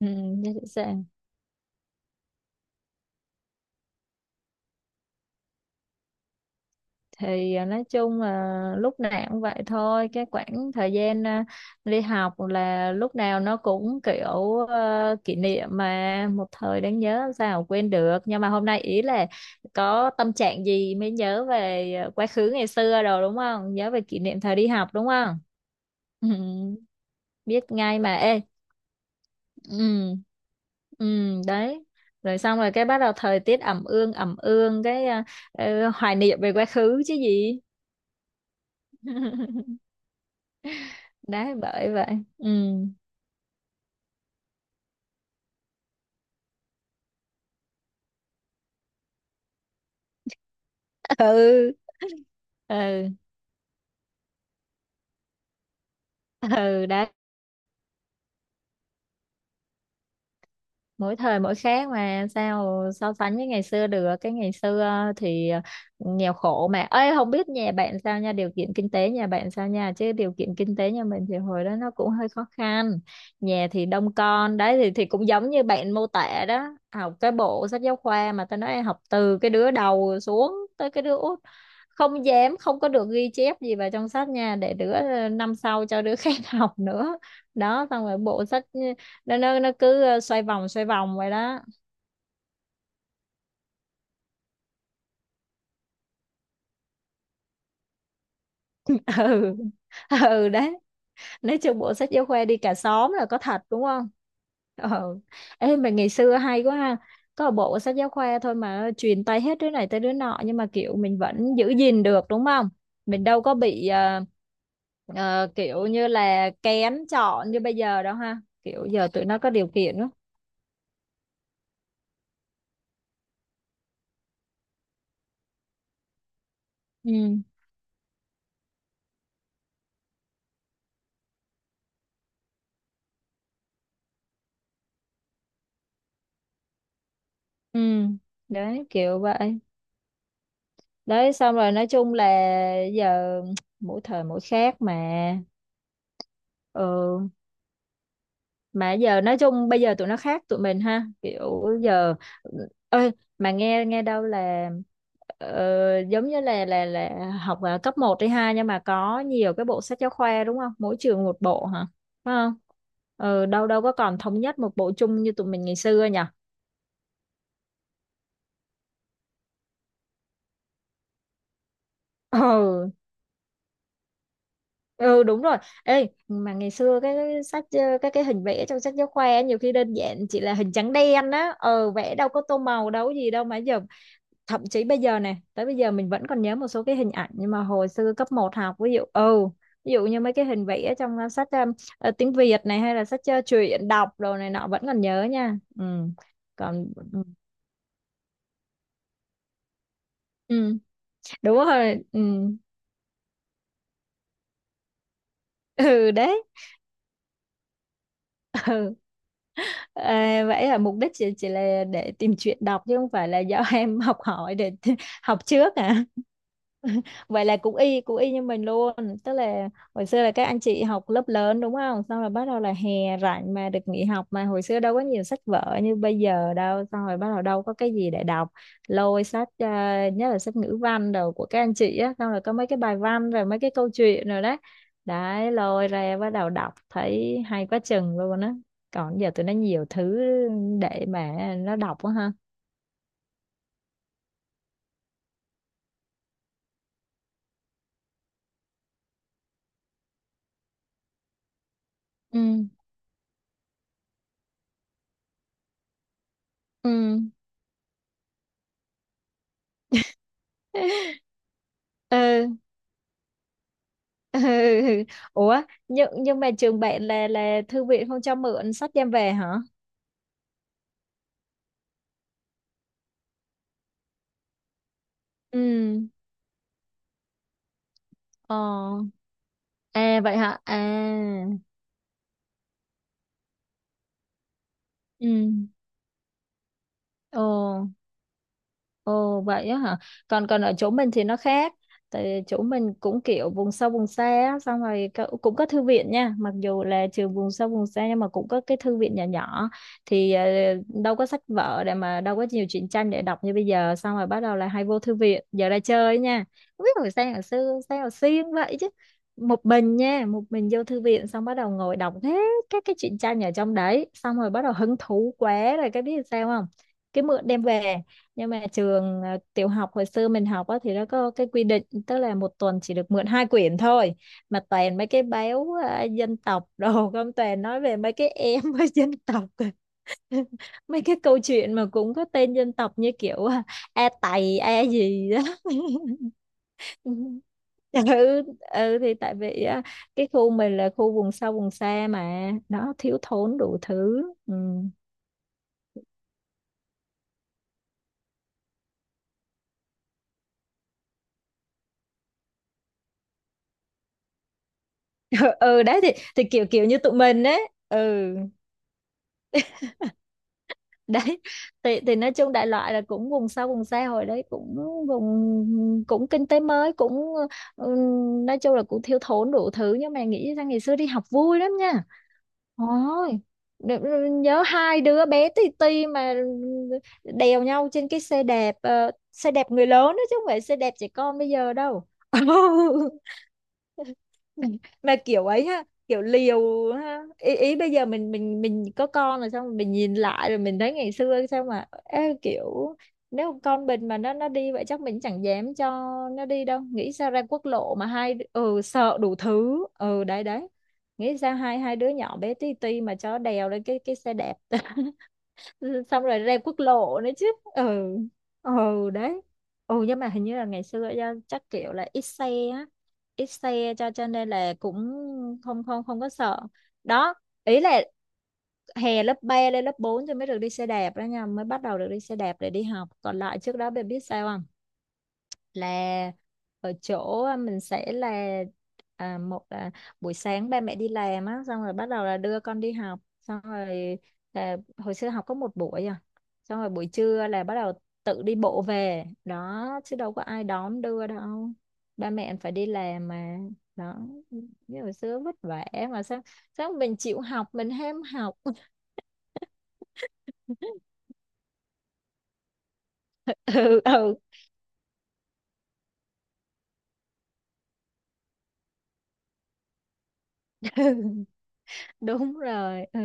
Ừ, dạ, sẵn sàng. Thì nói chung là lúc nào cũng vậy thôi, cái khoảng thời gian đi học là lúc nào nó cũng kiểu, kỷ niệm mà một thời đáng nhớ, làm sao quên được. Nhưng mà hôm nay ý là có tâm trạng gì mới nhớ về quá khứ ngày xưa rồi đúng không? Nhớ về kỷ niệm thời đi học đúng không? Ừ, biết ngay mà. Ê, ừ, ừ đấy. Rồi xong rồi cái bắt đầu thời tiết ẩm ương ẩm ương, cái hoài niệm về quá khứ chứ gì. Đấy, bởi vậy. Ừ, ừ, ừ, ừ. Đấy, mỗi thời mỗi khác mà, sao so sánh với ngày xưa được. Cái ngày xưa thì nghèo khổ mà. Ơi, không biết nhà bạn sao nha, điều kiện kinh tế nhà bạn sao nha, chứ điều kiện kinh tế nhà mình thì hồi đó nó cũng hơi khó khăn. Nhà thì đông con, đấy thì cũng giống như bạn mô tả đó, học cái bộ sách giáo khoa mà tao nói, học từ cái đứa đầu xuống tới cái đứa không dám, không có được ghi chép gì vào trong sách nha, để đứa năm sau cho đứa khác học nữa. Đó xong rồi bộ sách, ừ, nó cứ xoay vòng vậy đó. Ừ, ừ đấy. Nói chung bộ sách giáo khoa đi cả xóm là có thật đúng không? Ừ. Ê, mà ngày xưa hay quá ha, có một bộ sách giáo khoa thôi mà truyền tay hết đứa này tới đứa nọ, nhưng mà kiểu mình vẫn giữ gìn được đúng không? Mình đâu có bị kiểu như là kén chọn như bây giờ đâu ha, kiểu giờ tụi nó có điều kiện đó. Ừ, ừ đấy kiểu vậy. Đấy xong rồi nói chung là giờ mỗi thời mỗi khác mà. Ừ, mà giờ nói chung bây giờ tụi nó khác tụi mình ha, kiểu giờ ơi. Mà nghe nghe đâu là giống như là là học ở cấp một hay hai, nhưng mà có nhiều cái bộ sách giáo khoa đúng không, mỗi trường một bộ hả? Phải không? Ừ, đâu đâu có còn thống nhất một bộ chung như tụi mình ngày xưa nhỉ? Ừ, ừ đúng rồi. Ê, mà ngày xưa cái sách cái hình vẽ trong sách giáo khoa ấy, nhiều khi đơn giản chỉ là hình trắng đen á. Ờ, vẽ đâu có tô màu đâu có gì đâu mà giờ thậm chí bây giờ này, tới bây giờ mình vẫn còn nhớ một số cái hình ảnh nhưng mà hồi xưa cấp một học, ví dụ ừ, ví dụ như mấy cái hình vẽ trong sách, tiếng Việt này hay là sách truyện đọc đồ này nọ vẫn còn nhớ nha. Ừ, còn ừ, ừ, đúng rồi ừ, ừ đấy, ừ. À, vậy là mục đích chỉ là để tìm chuyện đọc chứ không phải là do em học hỏi để học trước à? Vậy là cũng y, cũng y như mình luôn. Tức là hồi xưa là các anh chị học lớp lớn đúng không, xong rồi bắt đầu là hè rảnh mà được nghỉ học mà, hồi xưa đâu có nhiều sách vở như bây giờ đâu, xong rồi bắt đầu đâu có cái gì để đọc. Lôi sách nhất là sách ngữ văn đầu của các anh chị á, xong rồi có mấy cái bài văn rồi mấy cái câu chuyện rồi đấy, đấy lôi ra bắt đầu đọc thấy hay quá chừng luôn á. Còn giờ tụi nó nhiều thứ để mà nó đọc quá ha. Ừ, ừ, ừ, Ừ. Ủa, nhưng mà trường bạn là thư viện không cho mượn sách đem về hả? Ừ. Ờ. À, vậy hả? À. Ừ. Ờ. Ồ, vậy á hả? Còn còn ở chỗ mình thì nó khác. Tại chỗ mình cũng kiểu vùng sâu vùng xa á, xong rồi có- cũng có thư viện nha, mặc dù là trường vùng sâu vùng xa nhưng mà cũng có cái thư viện nhỏ nhỏ. Thì đâu có sách vở để mà, đâu có nhiều truyện tranh để đọc như bây giờ, xong rồi bắt đầu là hay vô thư viện, giờ ra chơi nha. Không biết hồi sáng hồi xưa sao hồi xiên vậy chứ. Một mình nha, một mình vô thư viện xong bắt đầu ngồi đọc hết các cái truyện tranh ở trong đấy, xong rồi bắt đầu hứng thú quá rồi cái biết sao không? Cái mượn đem về nhưng mà trường tiểu học hồi xưa mình học á, thì nó có cái quy định tức là một tuần chỉ được mượn hai quyển thôi, mà toàn mấy cái báo dân tộc đồ không, toàn nói về mấy cái em với dân tộc. Mấy cái câu chuyện mà cũng có tên dân tộc như kiểu a tày a gì đó. Ừ, ừ thì tại vì á, cái khu mình là khu vùng sâu vùng xa mà nó thiếu thốn đủ thứ. Ừ. Ừ đấy thì kiểu kiểu như tụi mình ấy, ừ đấy. Thì nói chung đại loại là cũng vùng sâu vùng xa, hồi đấy cũng vùng, cũng kinh tế mới, cũng ừ, nói chung là cũng thiếu thốn đủ thứ, nhưng mà nghĩ ra ngày xưa đi học vui lắm nha. Ôi, đ- ừ, nhớ hai đứa bé tì tì mà đèo nhau trên cái xe đạp, xe đạp người lớn đó, chứ không phải xe đạp trẻ con bây giờ đâu. Mà kiểu ấy ha, kiểu liều ha, ý, ý bây giờ mình có con rồi, xong mình nhìn lại rồi mình thấy ngày xưa sao mà, ê, kiểu nếu con mình mà nó đi vậy chắc mình chẳng dám cho nó đi đâu. Nghĩ sao ra quốc lộ mà hai đ- ừ sợ đủ thứ. Ừ đấy đấy. Nghĩ sao hai hai đứa nhỏ bé tí ti mà cho đèo lên cái xe đạp. Xong rồi ra quốc lộ nữa chứ. Ừ, ừ đấy. Ừ nhưng mà hình như là ngày xưa do chắc kiểu là ít xe á, ít xe cho nên là cũng không không không có sợ đó. Ý là hè lớp 3 lên lớp 4 thì mới được đi xe đạp đó nha, mới bắt đầu được đi xe đạp để đi học, còn lại trước đó bạn biết sao là ở chỗ mình sẽ là một là buổi sáng ba mẹ đi làm á, xong rồi bắt đầu là đưa con đi học, xong rồi là hồi xưa học có một buổi xong rồi buổi trưa là bắt đầu tự đi bộ về đó chứ đâu có ai đón đưa đâu, ba mẹ phải đi làm mà. Đó, như hồi xưa vất vả mà sao, sao mình chịu học mình ham học. Ừ, ừ. Đúng rồi. Ừ,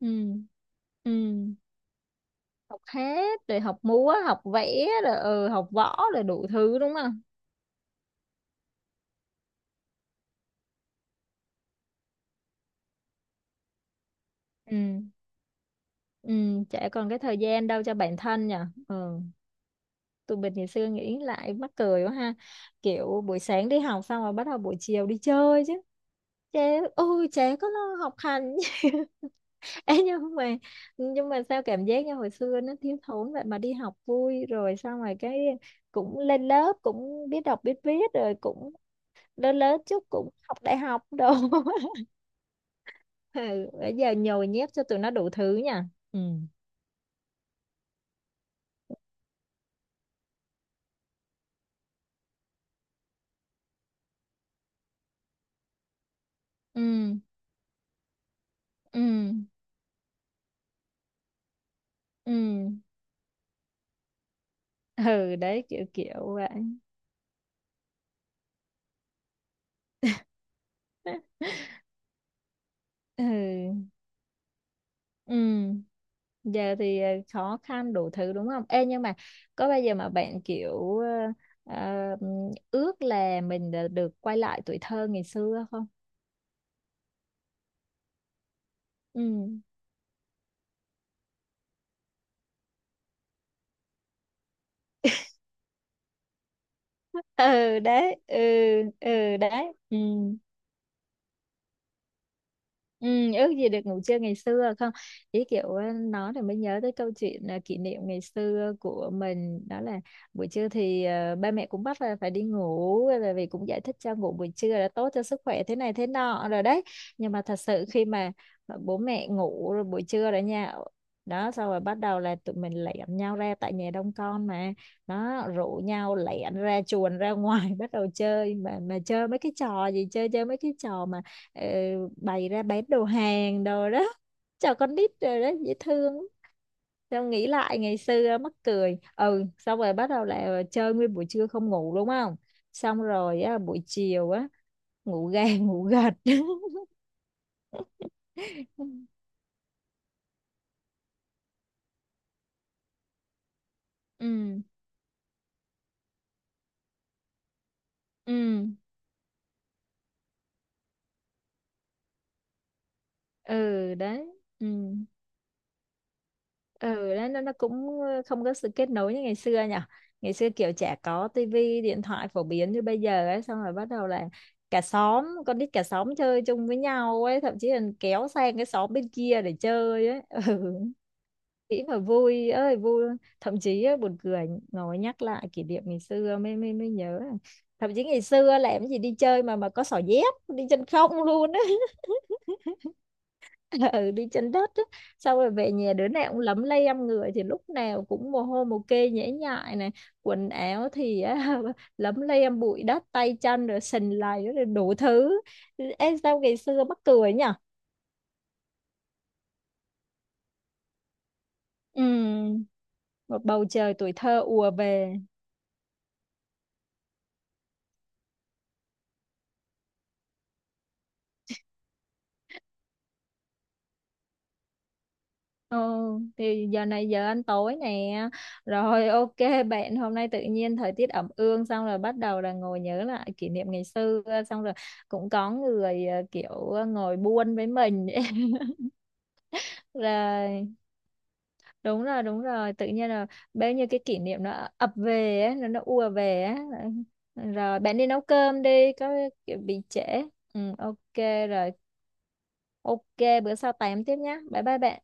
ừ, ừ, học hát rồi học múa, học vẽ rồi, ừ, học võ rồi đủ thứ đúng không? Ừ, ừ, chả còn cái thời gian đâu cho bản thân nhỉ. Ừ, tụi mình ngày xưa nghĩ lại mắc cười quá ha, kiểu buổi sáng đi học xong rồi bắt đầu buổi chiều đi chơi chứ. Chả, ôi chả có lo học hành. Ê, nhưng mà sao cảm giác như hồi xưa nó thiếu thốn vậy mà đi học vui, rồi xong rồi cái cũng lên lớp, cũng biết đọc biết viết rồi, cũng lớn lớn chút cũng học đại học đồ. Ừ, bây giờ nhồi nhét cho tụi nó đủ thứ nha. Ừ. Ừ, ừ, ừ, ừ đấy kiểu kiểu vậy. Ừ, ừ. Giờ thì khó khăn đủ thứ đúng không. Ê nhưng mà có bao giờ mà bạn kiểu ờ, ờ, ước là mình đã được quay lại tuổi thơ ngày xưa không? Ừ, ừ đấy, ừ, ừ đấy, ừ. Ừ, ước gì được ngủ trưa ngày xưa không. Ý kiểu nói thì mới nhớ tới câu chuyện kỷ niệm ngày xưa của mình đó là buổi trưa thì ba mẹ cũng bắt là phải đi ngủ, bởi vì cũng giải thích cho ngủ buổi trưa là tốt cho sức khỏe thế này thế nọ rồi đấy. Nhưng mà thật sự khi mà bố mẹ ngủ rồi, buổi trưa rồi nha, đó xong rồi bắt đầu là tụi mình lẻn nhau ra, tại nhà đông con mà, đó rủ nhau lẻn ra chuồn ra ngoài bắt đầu chơi mà. Chơi mấy cái trò gì, chơi chơi mấy cái trò mà ờ, bày ra bán đồ hàng đồ đó cho con nít rồi đó, dễ thương. Tao nghĩ lại ngày xưa mắc cười, ừ, xong rồi bắt đầu là chơi nguyên buổi trưa không ngủ đúng không, xong rồi á, buổi chiều á ngủ gà ngủ gật. Ừ, ừ, ừ đấy, ừ, ừ nó cũng không có sự kết nối như ngày xưa nhỉ. Ngày xưa kiểu chả có tivi, điện thoại phổ biến như bây giờ ấy, xong rồi bắt đầu là cả xóm con nít, cả xóm chơi chung với nhau ấy, thậm chí là kéo sang cái xóm bên kia để chơi ấy. Ừ, nghĩ mà vui ơi vui luôn. Thậm chí á, buồn cười ngồi nhắc lại kỷ niệm ngày xưa mới mới mới nhớ, thậm chí ngày xưa làm cái gì đi chơi mà có xỏ dép, đi chân không luôn á. Ừ, đi trên đất á. Xong rồi về nhà đứa nào cũng lấm lem âm, người thì lúc nào cũng mồ hôi mồ kê nhễ nhại này, quần áo thì á, lấm lem bụi đất, tay chân rồi sình lầy rồi đủ thứ. Ê, sao ngày xưa mắc cười nhỉ. Ừ, một bầu trời tuổi thơ ùa về. Ừ, thì giờ này giờ ăn tối nè. Rồi, ok. Bạn hôm nay tự nhiên thời tiết ẩm ương, xong rồi bắt đầu là ngồi nhớ lại kỷ niệm ngày xưa, xong rồi cũng có người kiểu ngồi buôn với mình. Rồi, đúng rồi, đúng rồi, tự nhiên là bao nhiêu cái kỷ niệm nó ập về á, nó ùa về á. Rồi bạn đi nấu cơm đi, có kiểu bị trễ. Ừ, ok. Rồi ok, bữa sau tám tiếp nhá, bye bye bạn.